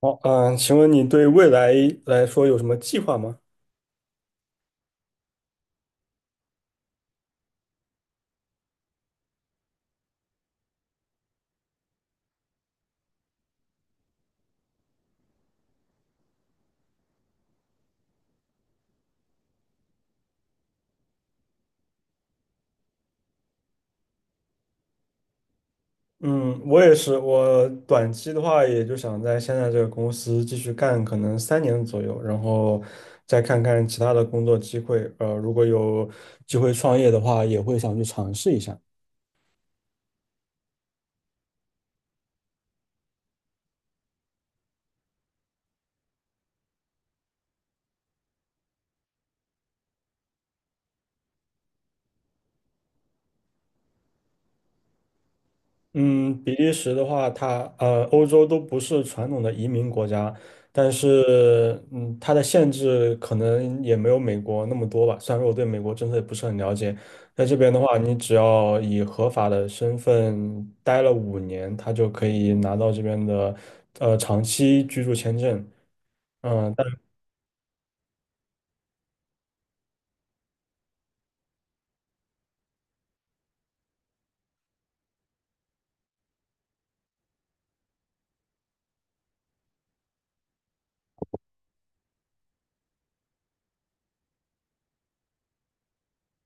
好，请问你对未来来说有什么计划吗？嗯，我也是，我短期的话，也就想在现在这个公司继续干，可能3年左右，然后再看看其他的工作机会。如果有机会创业的话，也会想去尝试一下。嗯，比利时的话，它欧洲都不是传统的移民国家，但是它的限制可能也没有美国那么多吧。虽然说我对美国政策也不是很了解，在这边的话，你只要以合法的身份待了五年，他就可以拿到这边的长期居住签证。嗯、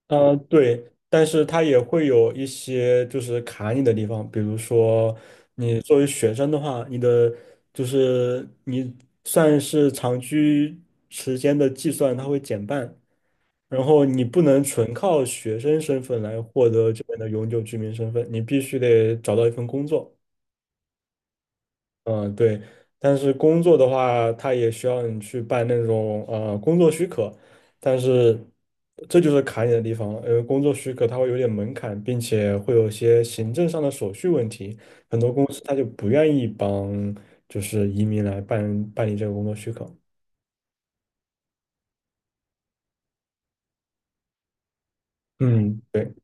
嗯，对，但是它也会有一些就是卡你的地方，比如说你作为学生的话，你的就是你算是长居时间的计算，它会减半，然后你不能纯靠学生身份来获得这边的永久居民身份，你必须得找到一份工作。嗯，对，但是工作的话，它也需要你去办那种工作许可，但是这就是卡你的地方了，因为工作许可它会有点门槛，并且会有些行政上的手续问题，很多公司他就不愿意帮就是移民来办理这个工作许可。嗯。对。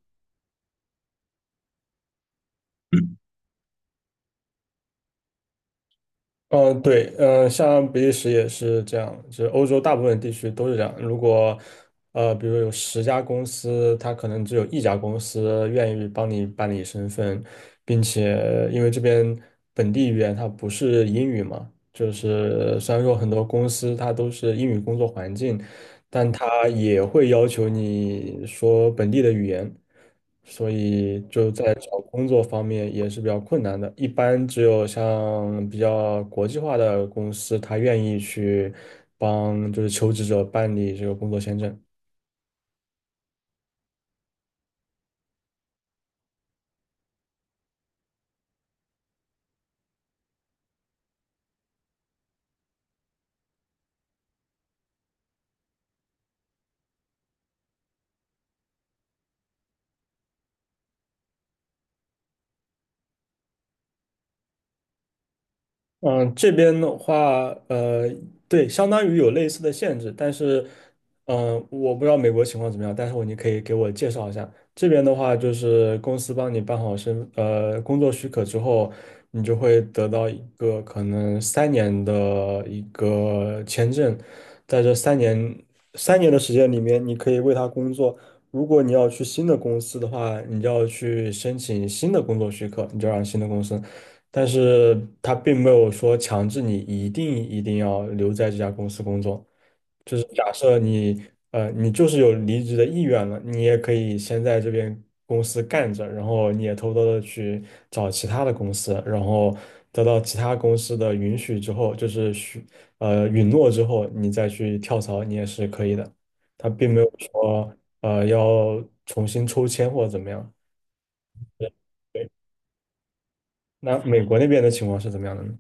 嗯，对，嗯，像比利时也是这样，就是欧洲大部分地区都是这样。如果比如有10家公司，它可能只有一家公司愿意帮你办理身份，并且因为这边本地语言它不是英语嘛，就是虽然说很多公司它都是英语工作环境，但他也会要求你说本地的语言，所以就在找工作方面也是比较困难的。一般只有像比较国际化的公司，他愿意去帮就是求职者办理这个工作签证。嗯，这边的话，对，相当于有类似的限制，但是，我不知道美国情况怎么样，但是我你可以给我介绍一下。这边的话，就是公司帮你办好工作许可之后，你就会得到一个可能三年的一个签证，在这三年的时间里面，你可以为他工作。如果你要去新的公司的话，你就要去申请新的工作许可，你就让新的公司。但是他并没有说强制你一定要留在这家公司工作。就是假设你你就是有离职的意愿了，你也可以先在这边公司干着，然后你也偷偷的去找其他的公司，然后得到其他公司的允许之后，就是允诺之后，你再去跳槽，你也是可以的。他并没有说要重新抽签或者怎么样。那美国那边的情况是怎么样的呢？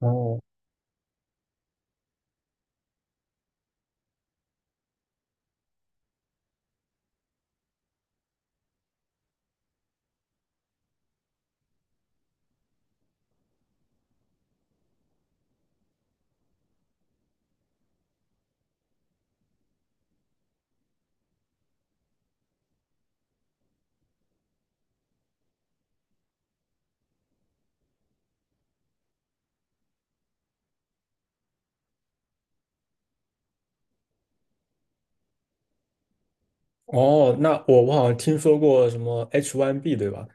哦。哦，那我我好像听说过什么 H1B 对吧？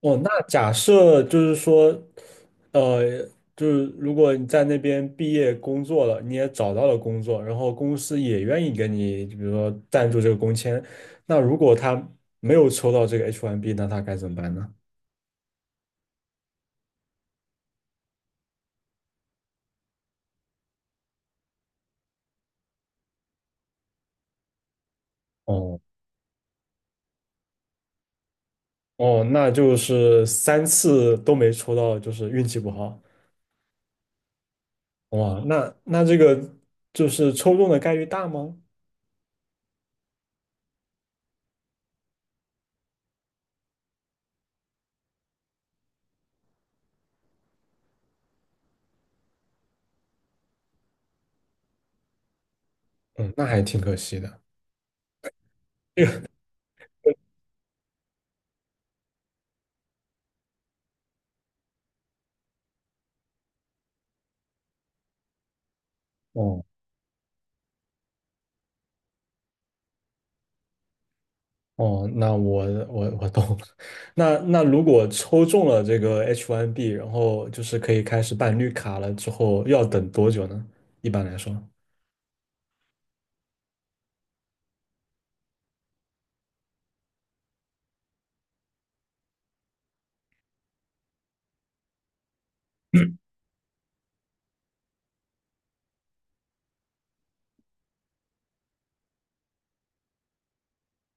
哦，那假设就是说，呃，就是如果你在那边毕业工作了，你也找到了工作，然后公司也愿意给你，就比如说赞助这个工签，那如果他没有抽到这个 H1B，那他该怎么办呢？哦哦，那就是三次都没抽到，就是运气不好。哇，那这个就是抽中的概率大吗？嗯，那还挺可惜的。哦。哦，那我我我懂了。那那如果抽中了这个 H1B，然后就是可以开始办绿卡了之后，要等多久呢？一般来说，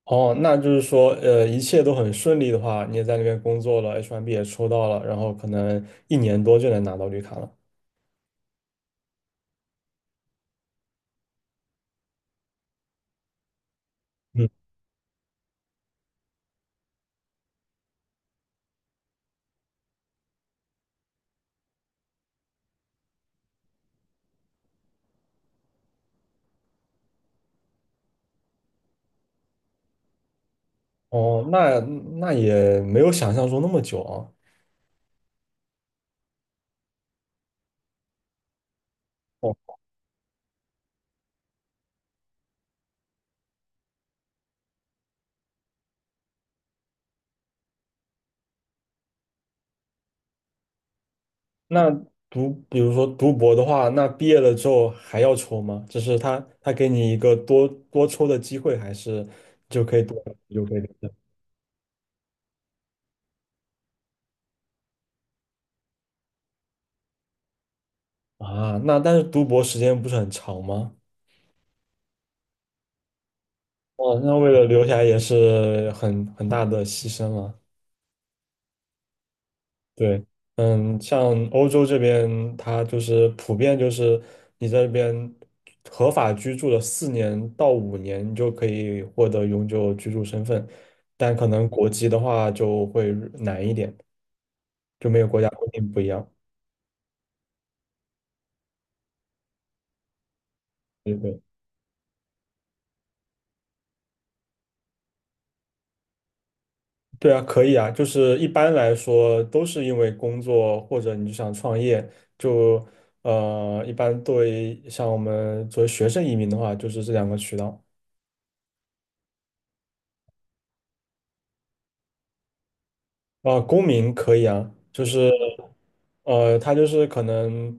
哦，那就是说，呃，一切都很顺利的话，你也在那边工作了，H1B 也抽到了，然后可能1年多就能拿到绿卡了。嗯，哦，那那也没有想象中那么久啊。哦。那读，比如说读博的话，那毕业了之后还要抽吗？就是他他给你一个多多抽的机会，还是就可以多就可以留下啊？那但是读博时间不是很长吗？哦，那为了留下来也是很很大的牺牲了。对，嗯，像欧洲这边，它就是普遍就是你在这边合法居住了4年到5年，你就可以获得永久居住身份，但可能国籍的话就会难一点，就每个国家规定不一样。对对。对啊，可以啊，就是一般来说都是因为工作或者你就想创业，就一般对，像我们作为学生移民的话，就是这两个渠道。啊，公民可以啊，就是他就是可能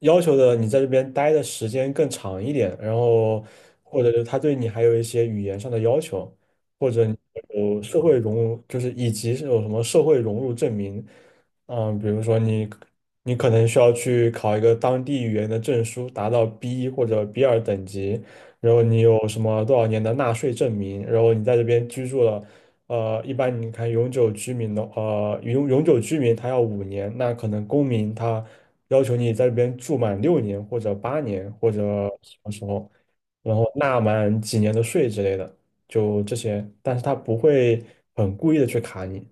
要求的你在这边待的时间更长一点，然后或者是他对你还有一些语言上的要求，或者你有社会融入，就是以及是有什么社会融入证明，比如说你可能需要去考一个当地语言的证书，达到 B1 或者 B2等级，然后你有什么多少年的纳税证明，然后你在这边居住了。呃，一般你看永久居民的，呃，永永久居民他要五年，那可能公民他要求你在这边住满6年或者8年或者什么时候，然后纳满几年的税之类的，就这些，但是他不会很故意的去卡你，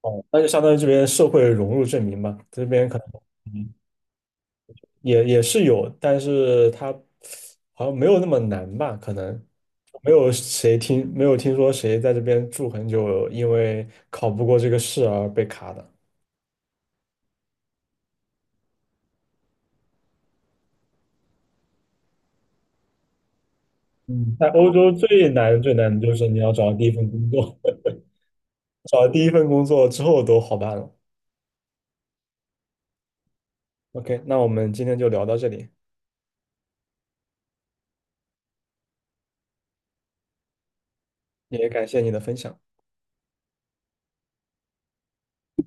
哦，那就相当于这边社会融入证明吧，这边可能。也也是有，但是它好像没有那么难吧？可能没有谁听，没有听说谁在这边住很久，因为考不过这个试而被卡的。嗯，在欧洲最难最难的就是你要找到第一份工作，找到第一份工作之后都好办了。OK，那我们今天就聊到这里，也感谢你的分享。